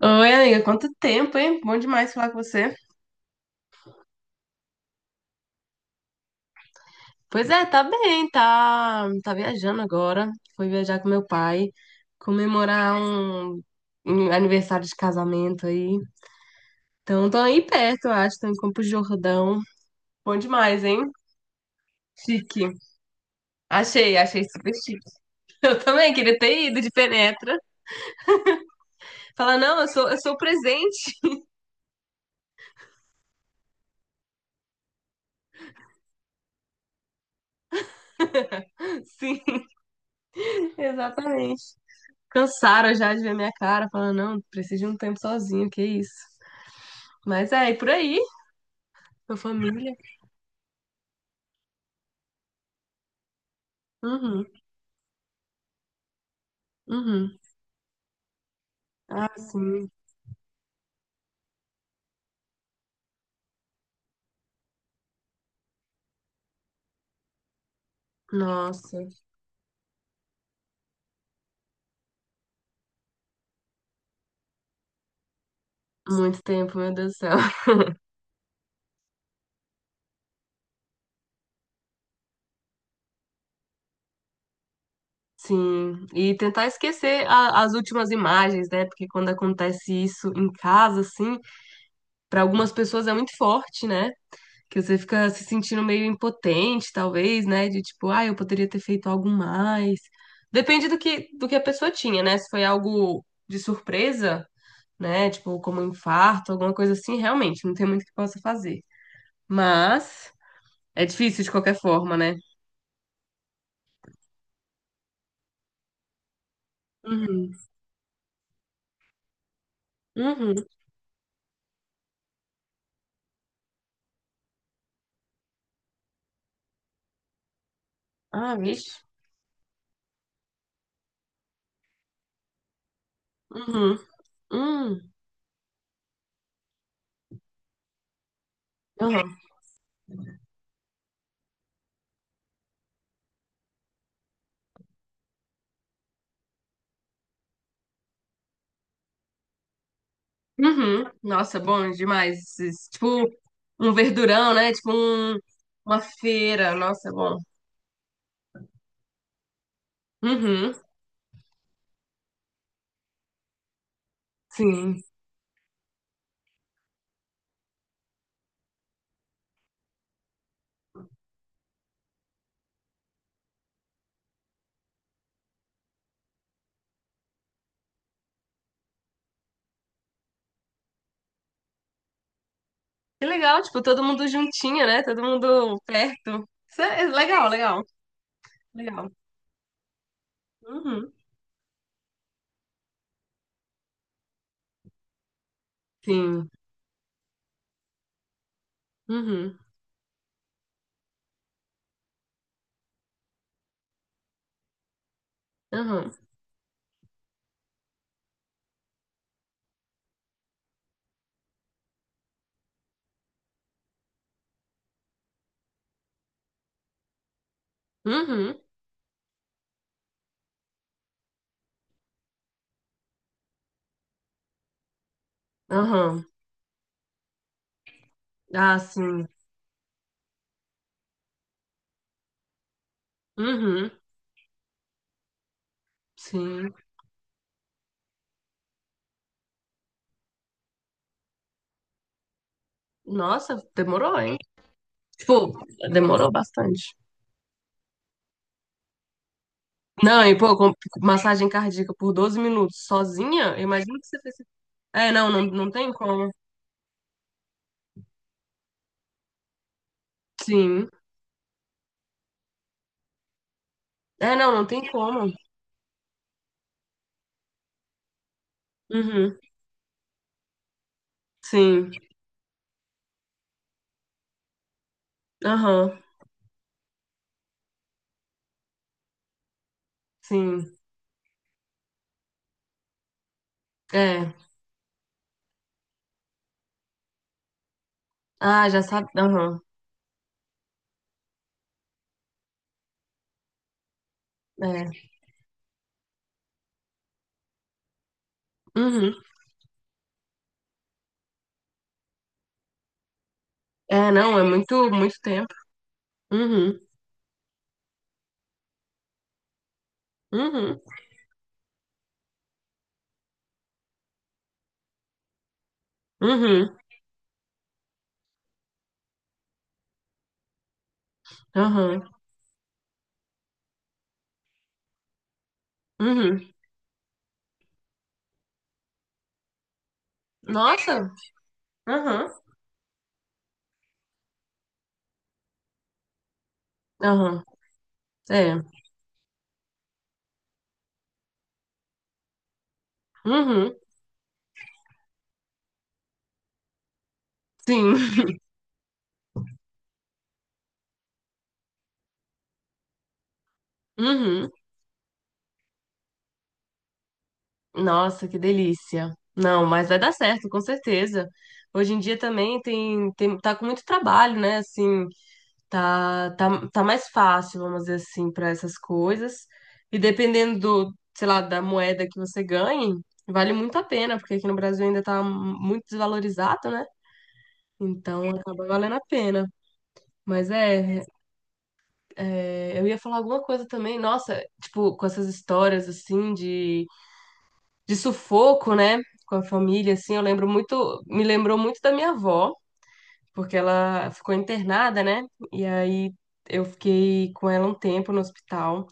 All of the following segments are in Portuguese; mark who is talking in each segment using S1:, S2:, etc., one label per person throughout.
S1: Oi, amiga, quanto tempo, hein? Bom demais falar com você. Pois é, tá bem, tá viajando agora. Fui viajar com meu pai, comemorar um aniversário de casamento aí. Então, tô aí perto, eu acho, tô em Campos do Jordão. Bom demais, hein? Chique. Achei super chique. Eu também queria ter ido de penetra. Falar, não, eu sou o presente. Sim, exatamente. Cansaram já de ver minha cara, falando, não, preciso de um tempo sozinho, que isso. Mas é, e por aí. Sua família? Uhum, uhum. Ah, sim. Nossa, muito tempo, meu Deus do céu. Sim, e tentar esquecer as últimas imagens, né? Porque quando acontece isso em casa, assim, para algumas pessoas é muito forte, né? Que você fica se sentindo meio impotente, talvez, né? De tipo, ah, eu poderia ter feito algo mais. Depende do que a pessoa tinha, né? Se foi algo de surpresa, né? Tipo, como um infarto, alguma coisa assim, realmente, não tem muito que possa fazer. Mas. É difícil de qualquer forma, né? Uhum. Uhum. Ah, vixe. Uhum. Uhum. Uhum. Uhum. Nossa, bom demais. Esses- Tipo um verdurão, né? Tipo um- uma feira. Nossa, bom. Uhum. Sim. Que legal, tipo, todo mundo juntinho, né? Todo mundo perto. Isso é legal, legal, legal. Uhum. Sim. Uhum. Uhum. Uhum. Aham. Ah, sim. Uhum. Sim. Nossa, demorou, hein? Tipo, demorou bastante. Não, e pô, com massagem cardíaca por 12 minutos sozinha, imagina o que você fez. É, não, tem como. Sim. É, não tem como. Uhum. Sim. Aham. Sim. É. Ah, já sabe. Aham. É. Uhum. É, não, é muito, muito tempo. Uhum. Uhum. Uhum. Aham. Uhum. Nossa. Aham. Aham. É. Uhum. Sim. Uhum. Nossa, que delícia. Não, mas vai dar certo, com certeza. Hoje em dia também tem, tá com muito trabalho, né? Assim, tá mais fácil, vamos dizer assim, para essas coisas. E dependendo sei lá, da moeda que você ganhe, vale muito a pena, porque aqui no Brasil ainda tá muito desvalorizado, né? Então acaba valendo a pena. Mas é, é, eu ia falar alguma coisa também, nossa, tipo, com essas histórias assim de sufoco, né, com a família, assim, eu lembro muito, me lembrou muito da minha avó, porque ela ficou internada, né, e aí eu fiquei com ela um tempo no hospital,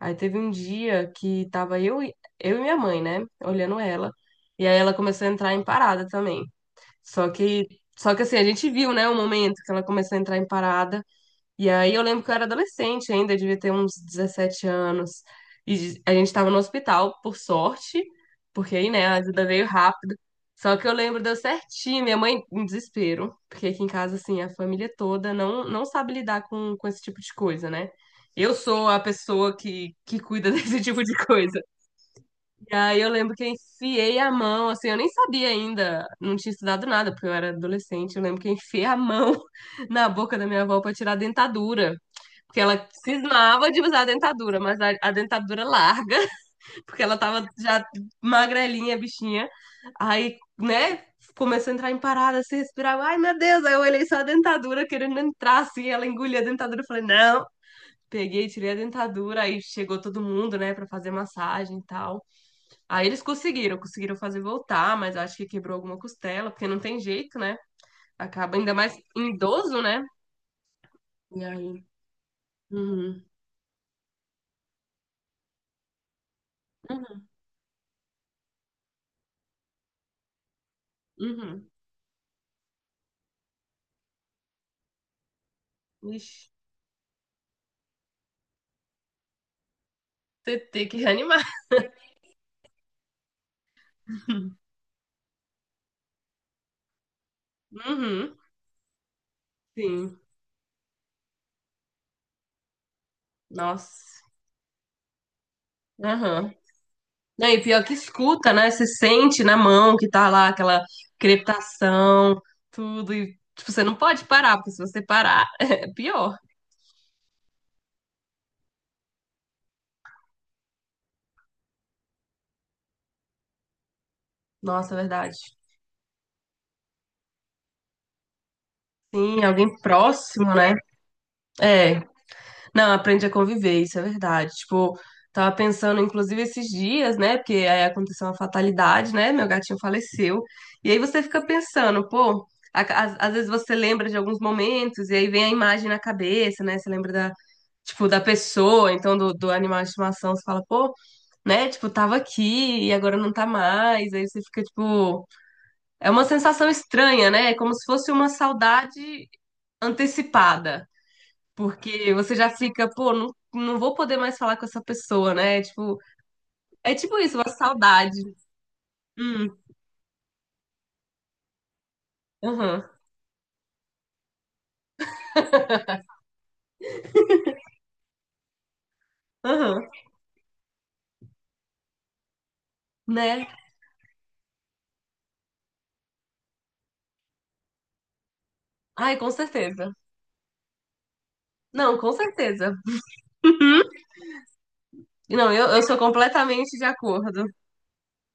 S1: aí teve um dia que tava eu, eu e minha mãe, né, olhando ela, e aí ela começou a entrar em parada também, só que, só que assim, a gente viu, né, o momento que ela começou a entrar em parada, e aí eu lembro que eu era adolescente ainda, devia ter uns 17 anos. E a gente estava no hospital, por sorte, porque aí, né, a ajuda veio rápido. Só que eu lembro, deu certinho, minha mãe em desespero, porque aqui em casa, assim, a família toda não sabe lidar com esse tipo de coisa, né? Eu sou a pessoa que cuida desse tipo de coisa. E aí eu lembro que eu enfiei a mão, assim, eu nem sabia ainda, não tinha estudado nada, porque eu era adolescente. Eu lembro que eu enfiei a mão na boca da minha avó para tirar a dentadura. Porque ela cismava de usar a dentadura, mas a dentadura larga, porque ela tava já magrelinha, bichinha. Aí, né, começou a entrar em parada, se respirar. Ai, meu Deus! Aí eu olhei só a dentadura querendo entrar, assim, ela engolia a dentadura. Eu falei, não. Peguei, tirei a dentadura, aí chegou todo mundo, né, pra fazer massagem e tal. Aí eles conseguiram fazer voltar, mas acho que quebrou alguma costela, porque não tem jeito, né? Acaba ainda mais em idoso, né? E aí. Uhum, uhum, uhum. Ixi. Você tem que reanimar. Uhum, sim. Nossa. Aham. Não, e pior que escuta, né? Você sente na mão que tá lá aquela crepitação, tudo. E, tipo, você não pode parar, porque se você parar, é pior. Nossa, é verdade. Sim, alguém próximo, né? É. Não, aprende a conviver, isso é verdade. Tipo, tava pensando, inclusive, esses dias, né? Porque aí aconteceu uma fatalidade, né? Meu gatinho faleceu. E aí você fica pensando, pô, às, às vezes você lembra de alguns momentos, e aí vem a imagem na cabeça, né? Você lembra da, tipo, da pessoa, então do animal de estimação, você fala, pô, né? Tipo, tava aqui e agora não tá mais. Aí você fica, tipo, é uma sensação estranha, né? É como se fosse uma saudade antecipada. Porque você já fica, pô, não, não vou poder mais falar com essa pessoa, né? Tipo, é tipo isso, uma saudade. Hum, aham, aham, né? Ai, com certeza. Não, com certeza. Não, eu sou completamente de acordo.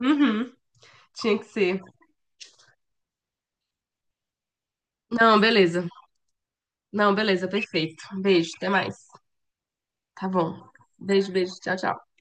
S1: Uhum, tinha que ser. Não, beleza. Não, beleza, perfeito. Beijo, até mais. Tá bom. Beijo, beijo. Tchau, tchau.